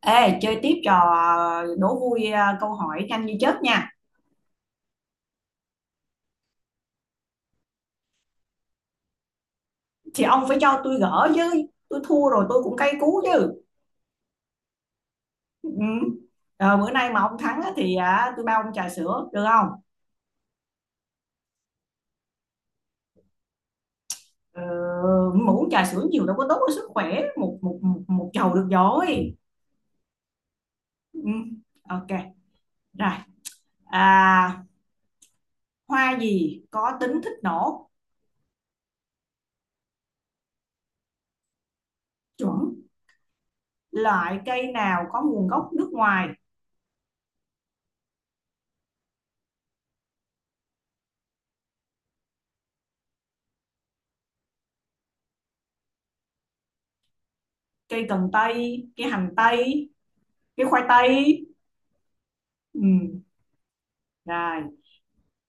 Ê, chơi tiếp trò đố vui à, câu hỏi nhanh như chớp nha. Thì ông phải cho tôi gỡ chứ. Tôi thua rồi tôi cũng cay cú chứ. Ừ. Ờ, bữa nay mà ông thắng á, thì tôi bao ông trà sữa, được không? Ờ, mà uống trà sữa nhiều đâu có tốt cho sức khỏe. Một chầu được rồi. Ừ. Ok, rồi. À, hoa gì có tính thích nổ? Chuẩn. Loại cây nào có nguồn gốc nước ngoài? Cây cần tây, cây hành tây, cây khoai tây. Ừ. Rồi.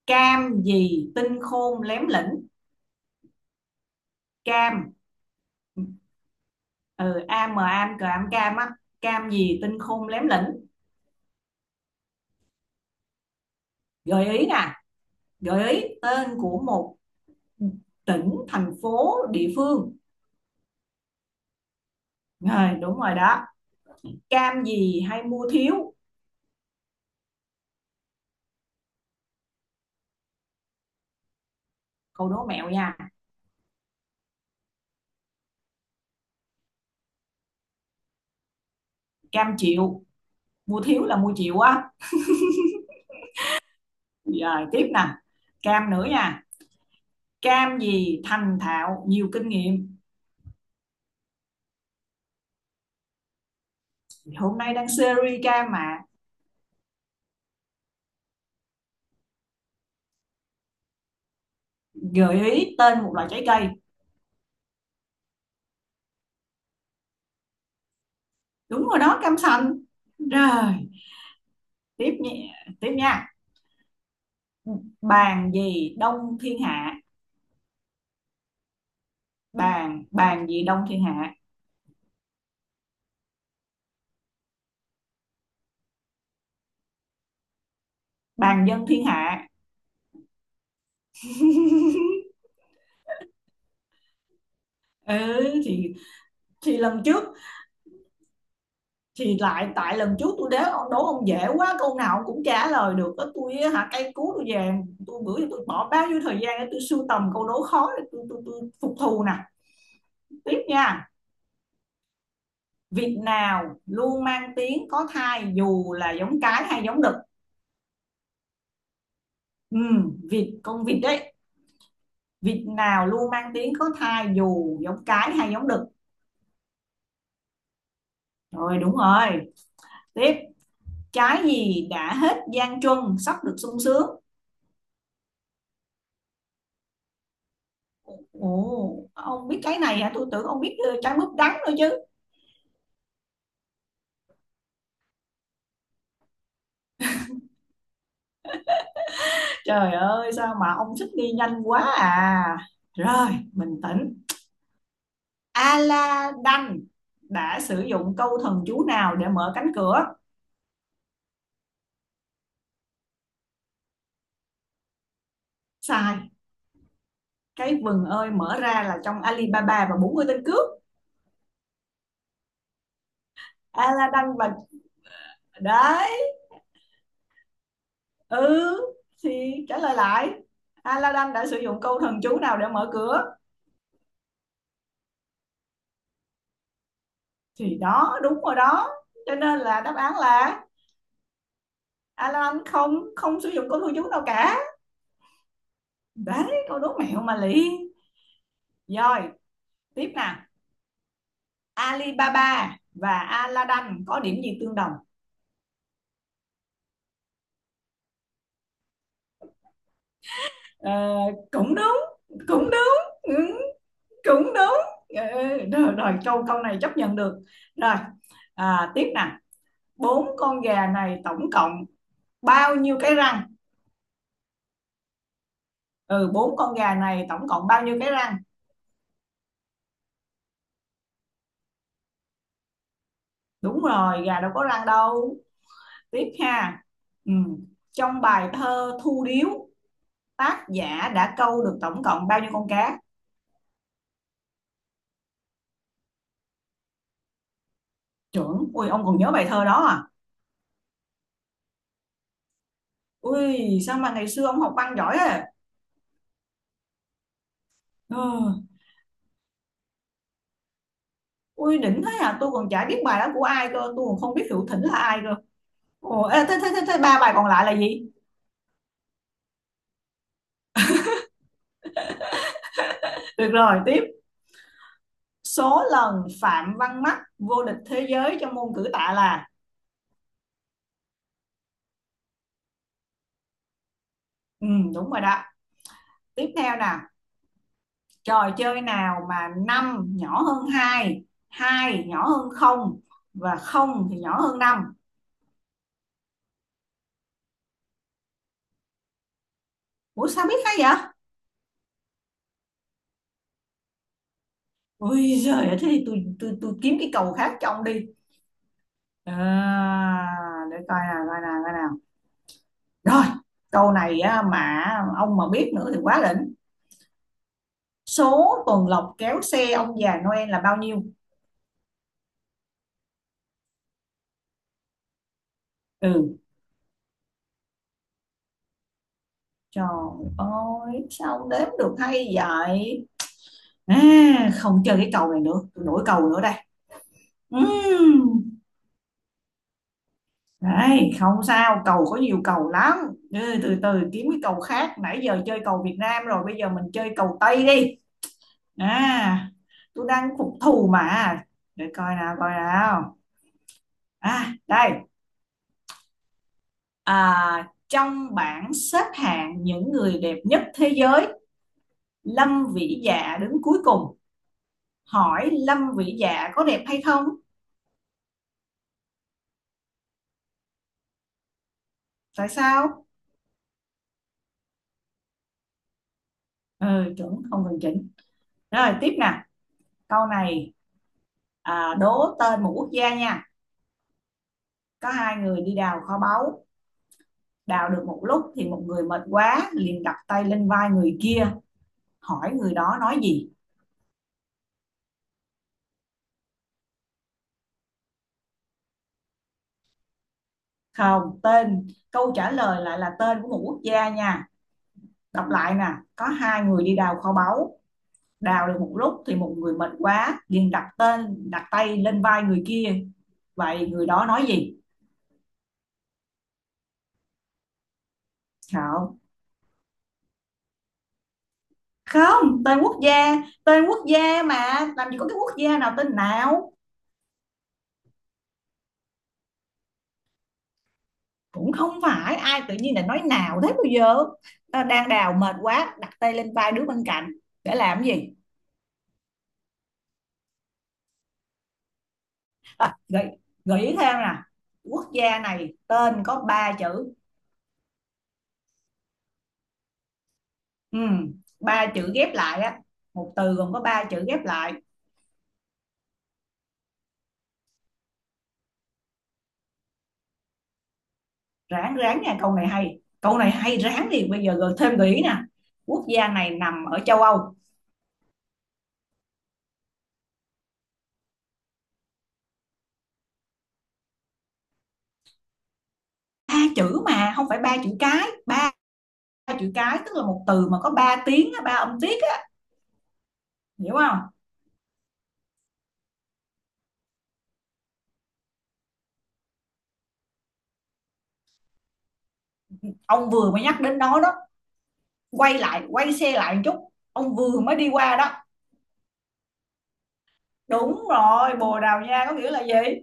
Cam gì tinh khôn lém lĩnh? Cam. Ừ, am mà am cờ am cam á. Cam gì tinh khôn lém lĩnh? Gợi ý nè, gợi ý tên của một tỉnh thành phố địa phương. Rồi, đúng rồi đó. Cam gì hay mua thiếu? Câu đố mẹo nha. Cam chịu. Mua thiếu là mua chịu á. Rồi, tiếp nè, cam nữa nha. Cam gì thành thạo nhiều kinh nghiệm? Hôm nay đang series cam mà. Gợi ý tên một loại trái cây. Đúng rồi đó, cam sành. Rồi, tiếp nhé, tiếp nha. Bàn gì đông thiên hạ? Bàn bàn gì đông thiên hạ? Bàn dân thiên hạ. Ừ thì lần trước, thì lại tại lần trước tôi đố ông dễ quá, câu nào ông cũng trả lời được đó, tôi á, hả, cây cú tôi về. Tôi bữa giờ tôi bỏ bao nhiêu thời gian để tôi sưu tầm câu đố khó để tôi phục thù nè. Tiếp nha. Việc nào luôn mang tiếng có thai dù là giống cái hay giống đực? Ừ, vịt, con vịt đấy. Vịt nào luôn mang tiếng có thai dù giống cái hay giống đực? Rồi, đúng rồi. Tiếp. Trái gì đã hết gian truân sắp được sung sướng? Ồ, ông biết cái này hả, tôi tưởng ông biết. Ờ, trái mướp đắng nữa chứ. Trời ơi sao mà ông thích đi nhanh quá à. Rồi, bình tĩnh. Aladdin đã sử dụng câu thần chú nào để mở cánh cửa? Sai. Cái vừng ơi mở ra là trong Alibaba và 40 tên cướp. Aladdin và, đấy. Ừ, thì trả lời lại. Aladdin đã sử dụng câu thần chú nào để mở cửa? Thì đó đúng rồi đó, cho nên là đáp án là Aladdin không không sử dụng câu thần chú nào cả. Đấy, câu đố mẹo mà lị. Rồi, tiếp nè. Alibaba và Aladdin có điểm gì tương đồng? Ờ, cũng đúng. Cũng đúng. Ừ, cũng đúng. Ừ, rồi, rồi câu câu này chấp nhận được. Rồi, à, tiếp nè. Bốn con gà này tổng cộng bao nhiêu cái răng? Ừ, bốn con gà này tổng cộng bao nhiêu cái răng? Đúng rồi, gà đâu có răng đâu. Tiếp ha. Ừ. Trong bài thơ Thu Điếu, tác giả đã câu được tổng cộng bao nhiêu con cá? Trưởng ui, ông còn nhớ bài thơ đó à? Ui, sao mà ngày xưa ông học văn giỏi à? Ừ. Ui, đỉnh thế à, tôi còn chả biết bài đó của ai cơ, tôi còn không biết Hữu Thỉnh là ai cơ. Ồ, thế ba bài còn lại là gì? Được rồi, tiếp. Số lần Phạm Văn Mắc vô địch thế giới trong môn cử tạ là? Ừ, đúng rồi đó. Tiếp theo nè, trò chơi nào mà 5 nhỏ hơn hai, 2 nhỏ hơn không, và không thì nhỏ hơn 5. Ủa sao biết hay vậy? Ui giời ơi, thế thì tôi kiếm cái câu khác cho ông đi. À, để coi nào. Rồi, câu này á, mà ông mà biết nữa thì quá đỉnh. Số tuần lộc kéo xe ông già Noel là bao nhiêu? Ừ, trời ơi, sao đếm được hay vậy? À, không chơi cái cầu này nữa, tôi đổi cầu nữa đây. Ừm. Đấy, không sao, cầu có nhiều cầu lắm. Ừ, từ từ kiếm cái cầu khác. Nãy giờ chơi cầu Việt Nam rồi, bây giờ mình chơi cầu Tây đi. À, tôi đang phục thù mà. Để coi nào. À, đây. À, trong bảng xếp hạng những người đẹp nhất thế giới, Lâm Vĩ Dạ đứng cuối cùng. Hỏi Lâm Vĩ Dạ có đẹp hay không? Tại sao? Ừ, chuẩn không cần chỉnh. Rồi, tiếp nè. Câu này đố tên một quốc gia nha. Có hai người đi đào kho báu, đào được một lúc thì một người mệt quá liền đặt tay lên vai người kia, hỏi người đó nói gì? Không, tên câu trả lời lại là tên của một quốc gia nha. Đọc lại nè, có hai người đi đào kho báu, đào được một lúc thì một người mệt quá liền đặt tay lên vai người kia. Vậy người đó nói gì? Không. Không, tên quốc gia mà làm gì có cái quốc gia nào tên nào? Cũng không phải, ai tự nhiên là nói nào thế bây giờ, ta đang đào mệt quá đặt tay lên vai đứa bên cạnh để làm gì? À, gợi ý thêm nè. Quốc gia này tên có ba chữ. Ừ, ba chữ ghép lại á, một từ gồm có ba chữ ghép lại. Ráng ráng nha, câu này hay, câu này hay, ráng đi, bây giờ gợi thêm gợi ý nè. Quốc gia này nằm ở châu Âu. Ba chữ mà không phải ba chữ cái, ba chữ cái tức là một từ mà có ba tiếng ba âm tiết á, hiểu không? Ông vừa mới nhắc đến nó đó, quay lại quay xe lại một chút, ông vừa mới đi qua đó. Đúng rồi, Bồ Đào Nha có nghĩa là gì.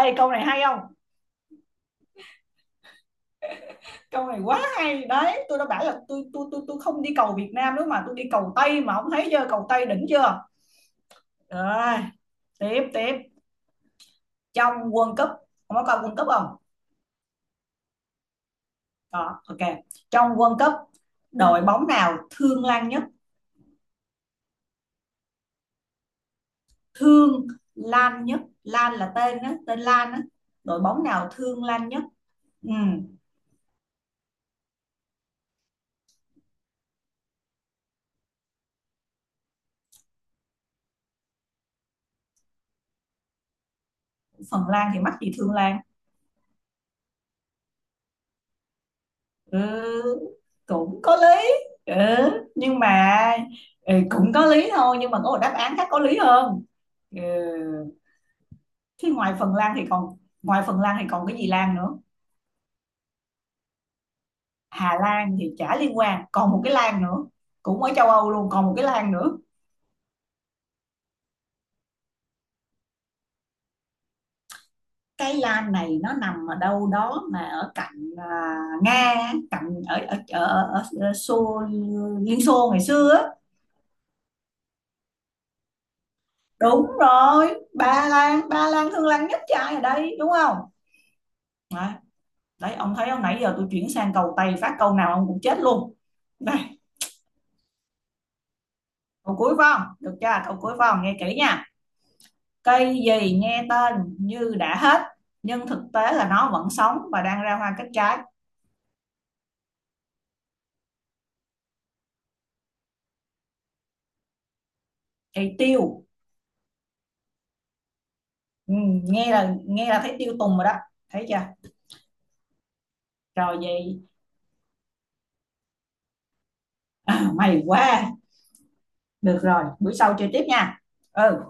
Ê, câu này hay không? Câu này quá hay đấy. Tôi đã bảo là tôi không đi cầu Việt Nam nữa mà tôi đi cầu Tây mà, ông thấy chưa, cầu Tây đỉnh chưa. Rồi, tiếp tiếp. Trong World Cup, ông có coi World Cup không? Đó ok. Trong World Cup, đội bóng nào thương Lan nhất? Thương Lan nhất, Lan là tên đó, tên Lan đó. Đội bóng nào thương Lan nhất? Ừ. Phần Lan thì mắc gì thương Lan. Ừ, cũng có lý. Ừ, nhưng mà ừ, cũng có lý thôi nhưng mà có một đáp án khác có lý hơn. Ừ. Thế ngoài Phần Lan thì còn, ngoài Phần Lan thì còn cái gì Lan nữa? Hà Lan thì chả liên quan, còn một cái Lan nữa, cũng ở châu Âu luôn, còn một cái Lan nữa. Cái Lan này nó nằm ở đâu đó mà ở cạnh à, Nga, cạnh ở Xô, Liên Xô ngày xưa á. Đúng rồi, Ba Lan, Ba Lan thương Lan nhất trai ở đây đúng không. Đấy, ông thấy không, nãy giờ tôi chuyển sang cầu Tây phát câu nào ông cũng chết luôn. Đây, câu cuối phải không, được chưa, câu cuối phải không, nghe kỹ nha. Cây gì nghe tên như đã hết nhưng thực tế là nó vẫn sống và đang ra hoa kết trái? Cây tiêu. Ừ, nghe là thấy tiêu tùng rồi đó. Thấy chưa? Rồi vậy. À, mày quá. Được rồi, bữa sau chơi tiếp nha. Ừ